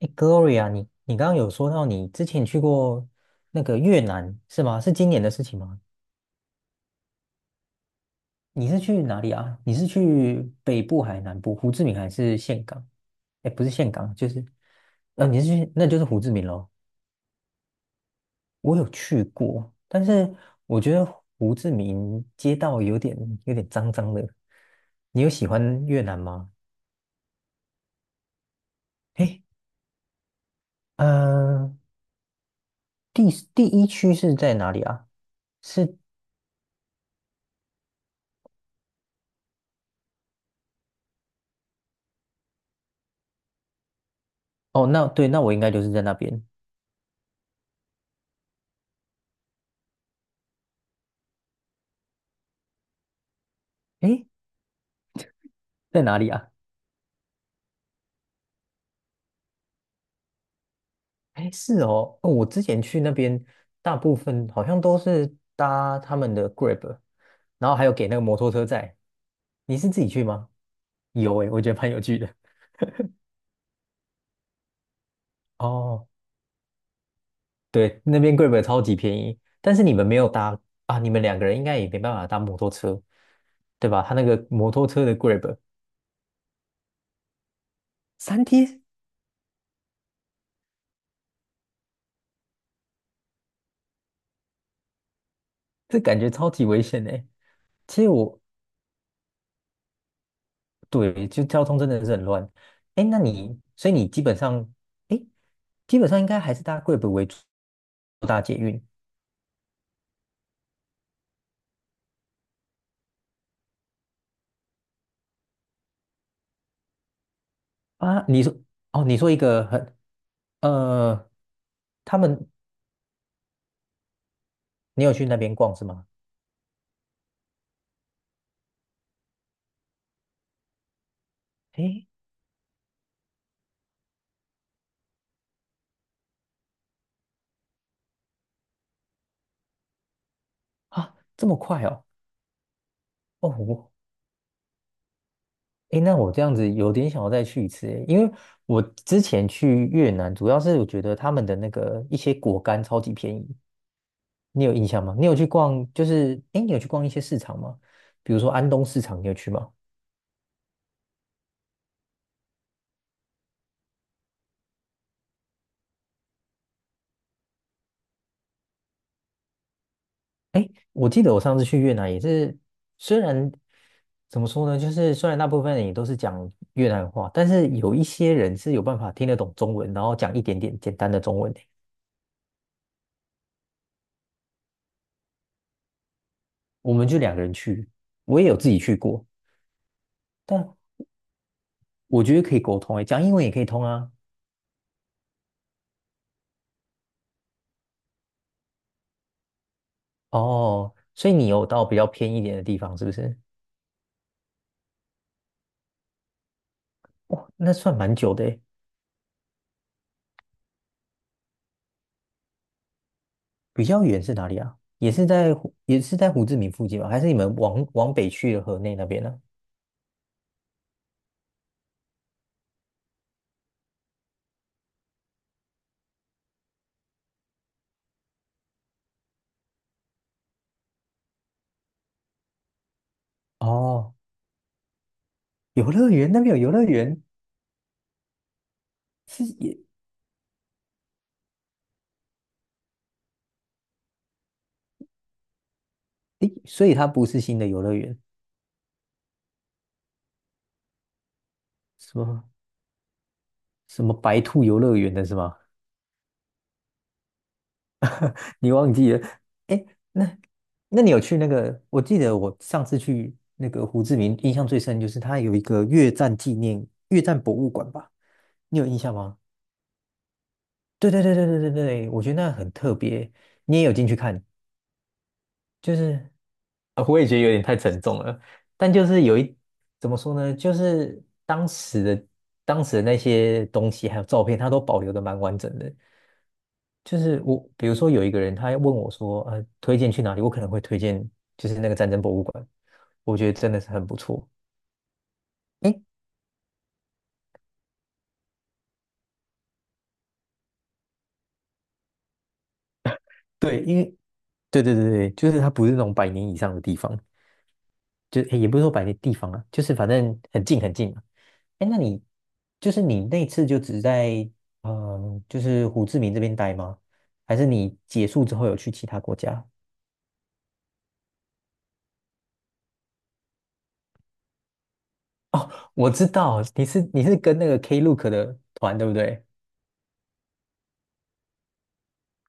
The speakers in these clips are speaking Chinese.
哎，Gloria，你刚刚有说到你之前去过那个越南是吗？是今年的事情吗？你是去哪里啊？你是去北部还是南部？胡志明还是岘港？哎，不是岘港，就是你是去那就是胡志明咯。我有去过，但是我觉得胡志明街道有点脏脏的。你有喜欢越南吗？哎，呃，第第一区是在哪里啊？是哦，那对，那我应该就是在那边。诶，在哪里啊？哎，是哦，哦我之前去那边，大部分好像都是搭他们的 Grab，然后还有给那个摩托车载。你是自己去吗？有哎，我觉得蛮有趣的。哦，对，那边 Grab 超级便宜，但是你们没有搭啊，你们两个人应该也没办法搭摩托车，对吧？他那个摩托车的 Grab 3天，这感觉超级危险哎。其实我对，就交通真的是很乱。哎，那你，所以你基本上，哎，基本上应该还是搭贵北为主，不搭捷运啊？哦，你说一个很，呃，他们，你有去那边逛是吗？哎，啊，这么快哦？哦，哎，那我这样子有点想要再去一次诶，因为我之前去越南，主要是我觉得他们的那个一些果干超级便宜，你有印象吗？你有去逛，就是，哎，你有去逛一些市场吗？比如说安东市场，你有去吗？哎，我记得我上次去越南也是，虽然怎么说呢，就是虽然大部分人也都是讲越南话，但是有一些人是有办法听得懂中文，然后讲一点点简单的中文的。我们就两个人去，我也有自己去过，但我觉得可以沟通诶，讲英文也可以通啊。哦，所以你有到比较偏一点的地方，是不是？那算蛮久的诶。比较远是哪里啊？也是在胡志明附近吗？还是你们往北去的河内那边呢？哦，游乐园那边有游乐园。是也，诶，所以它不是新的游乐园，什么什么白兔游乐园的是吗？你忘记了？诶，那那你有去那个？我记得我上次去那个胡志明，印象最深就是它有一个越战博物馆吧？你有印象吗？对对对对对对对，我觉得那很特别，你也有进去看，就是啊，我也觉得有点太沉重了，但就是有一，怎么说呢，就是当时的那些东西还有照片，它都保留的蛮完整的。就是我，比如说有一个人，他要问我说，推荐去哪里？我可能会推荐就是那个战争博物馆，我觉得真的是很不错。诶，对，因为对对对对，就是它不是那种百年以上的地方，就诶也不是说百年地方啊，就是反正很近很近嘛。哎，那你就是你那次就只在就是胡志明这边待吗？还是你结束之后有去其他国家？哦，我知道，你是跟那个 Klook 的团，对不对？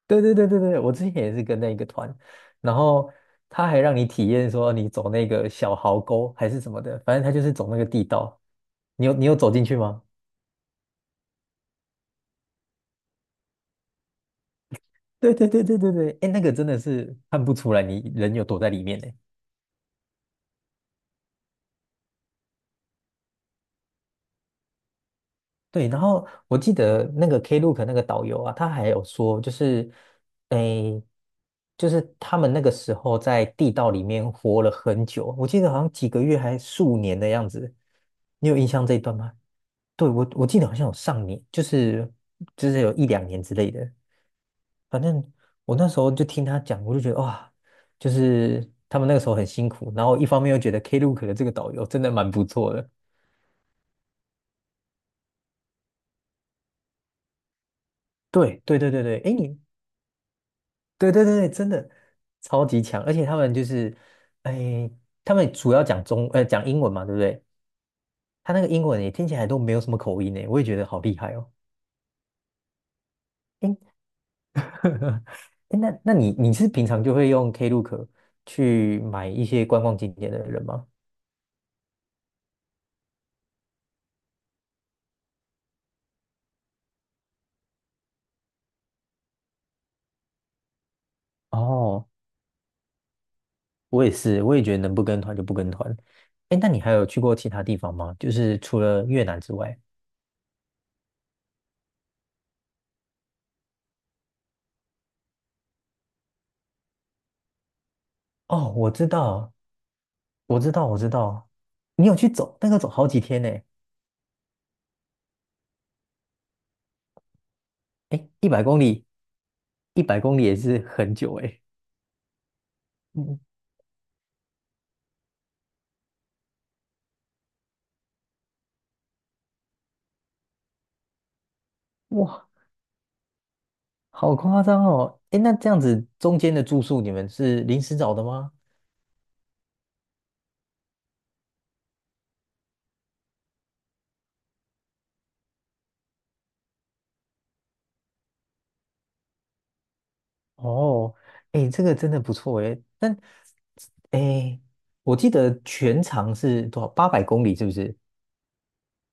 对对对对对，我之前也是跟那个团，然后他还让你体验说你走那个小壕沟还是什么的，反正他就是走那个地道。你有走进去吗？对对对对对对，哎，那个真的是看不出来你人有躲在里面呢。对，然后我记得那个 Klook 那个导游啊，他还有说，就是，诶，就是他们那个时候在地道里面活了很久，我记得好像几个月还数年的样子，你有印象这一段吗？对，我记得好像有上年，就是有一两年之类的，反正我那时候就听他讲，我就觉得哇，就是他们那个时候很辛苦，然后一方面又觉得 Klook 的这个导游真的蛮不错的。对对对对对，哎，你对对对，真的超级强，而且他们就是，哎，他们主要讲英文嘛，对不对？他那个英文也听起来都没有什么口音呢，我也觉得好厉害哦。哎，哎那你是平常就会用 Klook 去买一些观光景点的人吗？哦，我也是，我也觉得能不跟团就不跟团。哎，那你还有去过其他地方吗？就是除了越南之外？哦，我知道，我知道，我知道，你有去走那个走好几天呢。哎，一百公里，一百公里也是很久哎。嗯，哇，好夸张哦！哎，那这样子中间的住宿你们是临时找的吗？哦，哎，这个真的不错哎。但哎，诶我记得全长是多少？800公里是不是？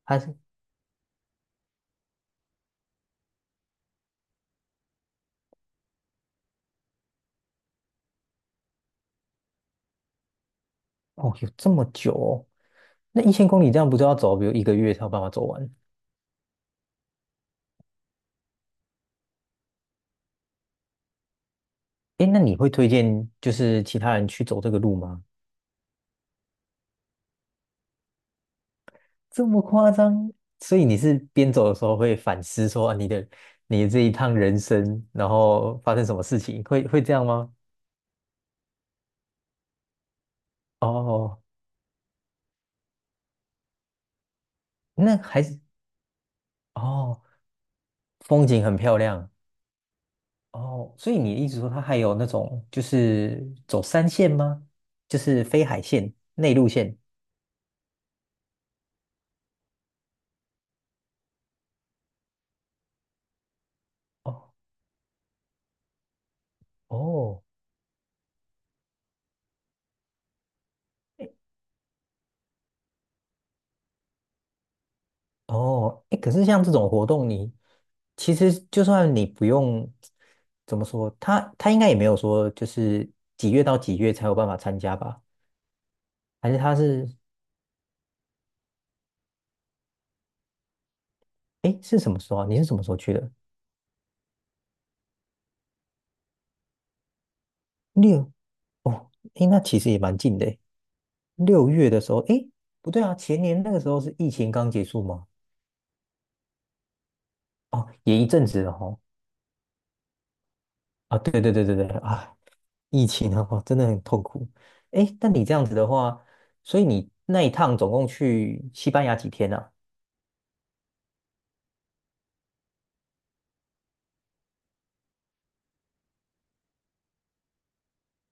还是哦，有这么久哦？那1000公里这样不就要走，比如1个月才有办法走完？哎，那你会推荐就是其他人去走这个路吗？这么夸张？所以你是边走的时候会反思说啊你的这一趟人生，然后发生什么事情，会这样吗？哦，那还是哦，风景很漂亮哦，所以你一直说它还有那种就是走山线吗？就是非海线、内陆线？哦哦，哦，哎，可是像这种活动你，其实就算你不用怎么说，他应该也没有说就是几月到几月才有办法参加吧？还是他是哎是什么时候啊？你是什么时候去的？六哦，哎，那其实也蛮近的诶六月的时候，哎，不对啊，前年那个时候是疫情刚结束吗？哦，也一阵子了哦。啊，对对对对对啊，疫情的话真的很痛苦。哎，但你这样子的话，所以你那一趟总共去西班牙几天啊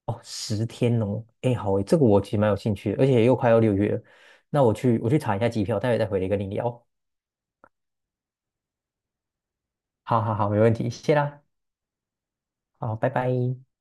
哦，10天哦，哎，好诶，这个我其实蛮有兴趣的，而且又快要六月了，那我去查一下机票，待会再回来跟你聊。好好好，没问题，谢啦，好，拜拜。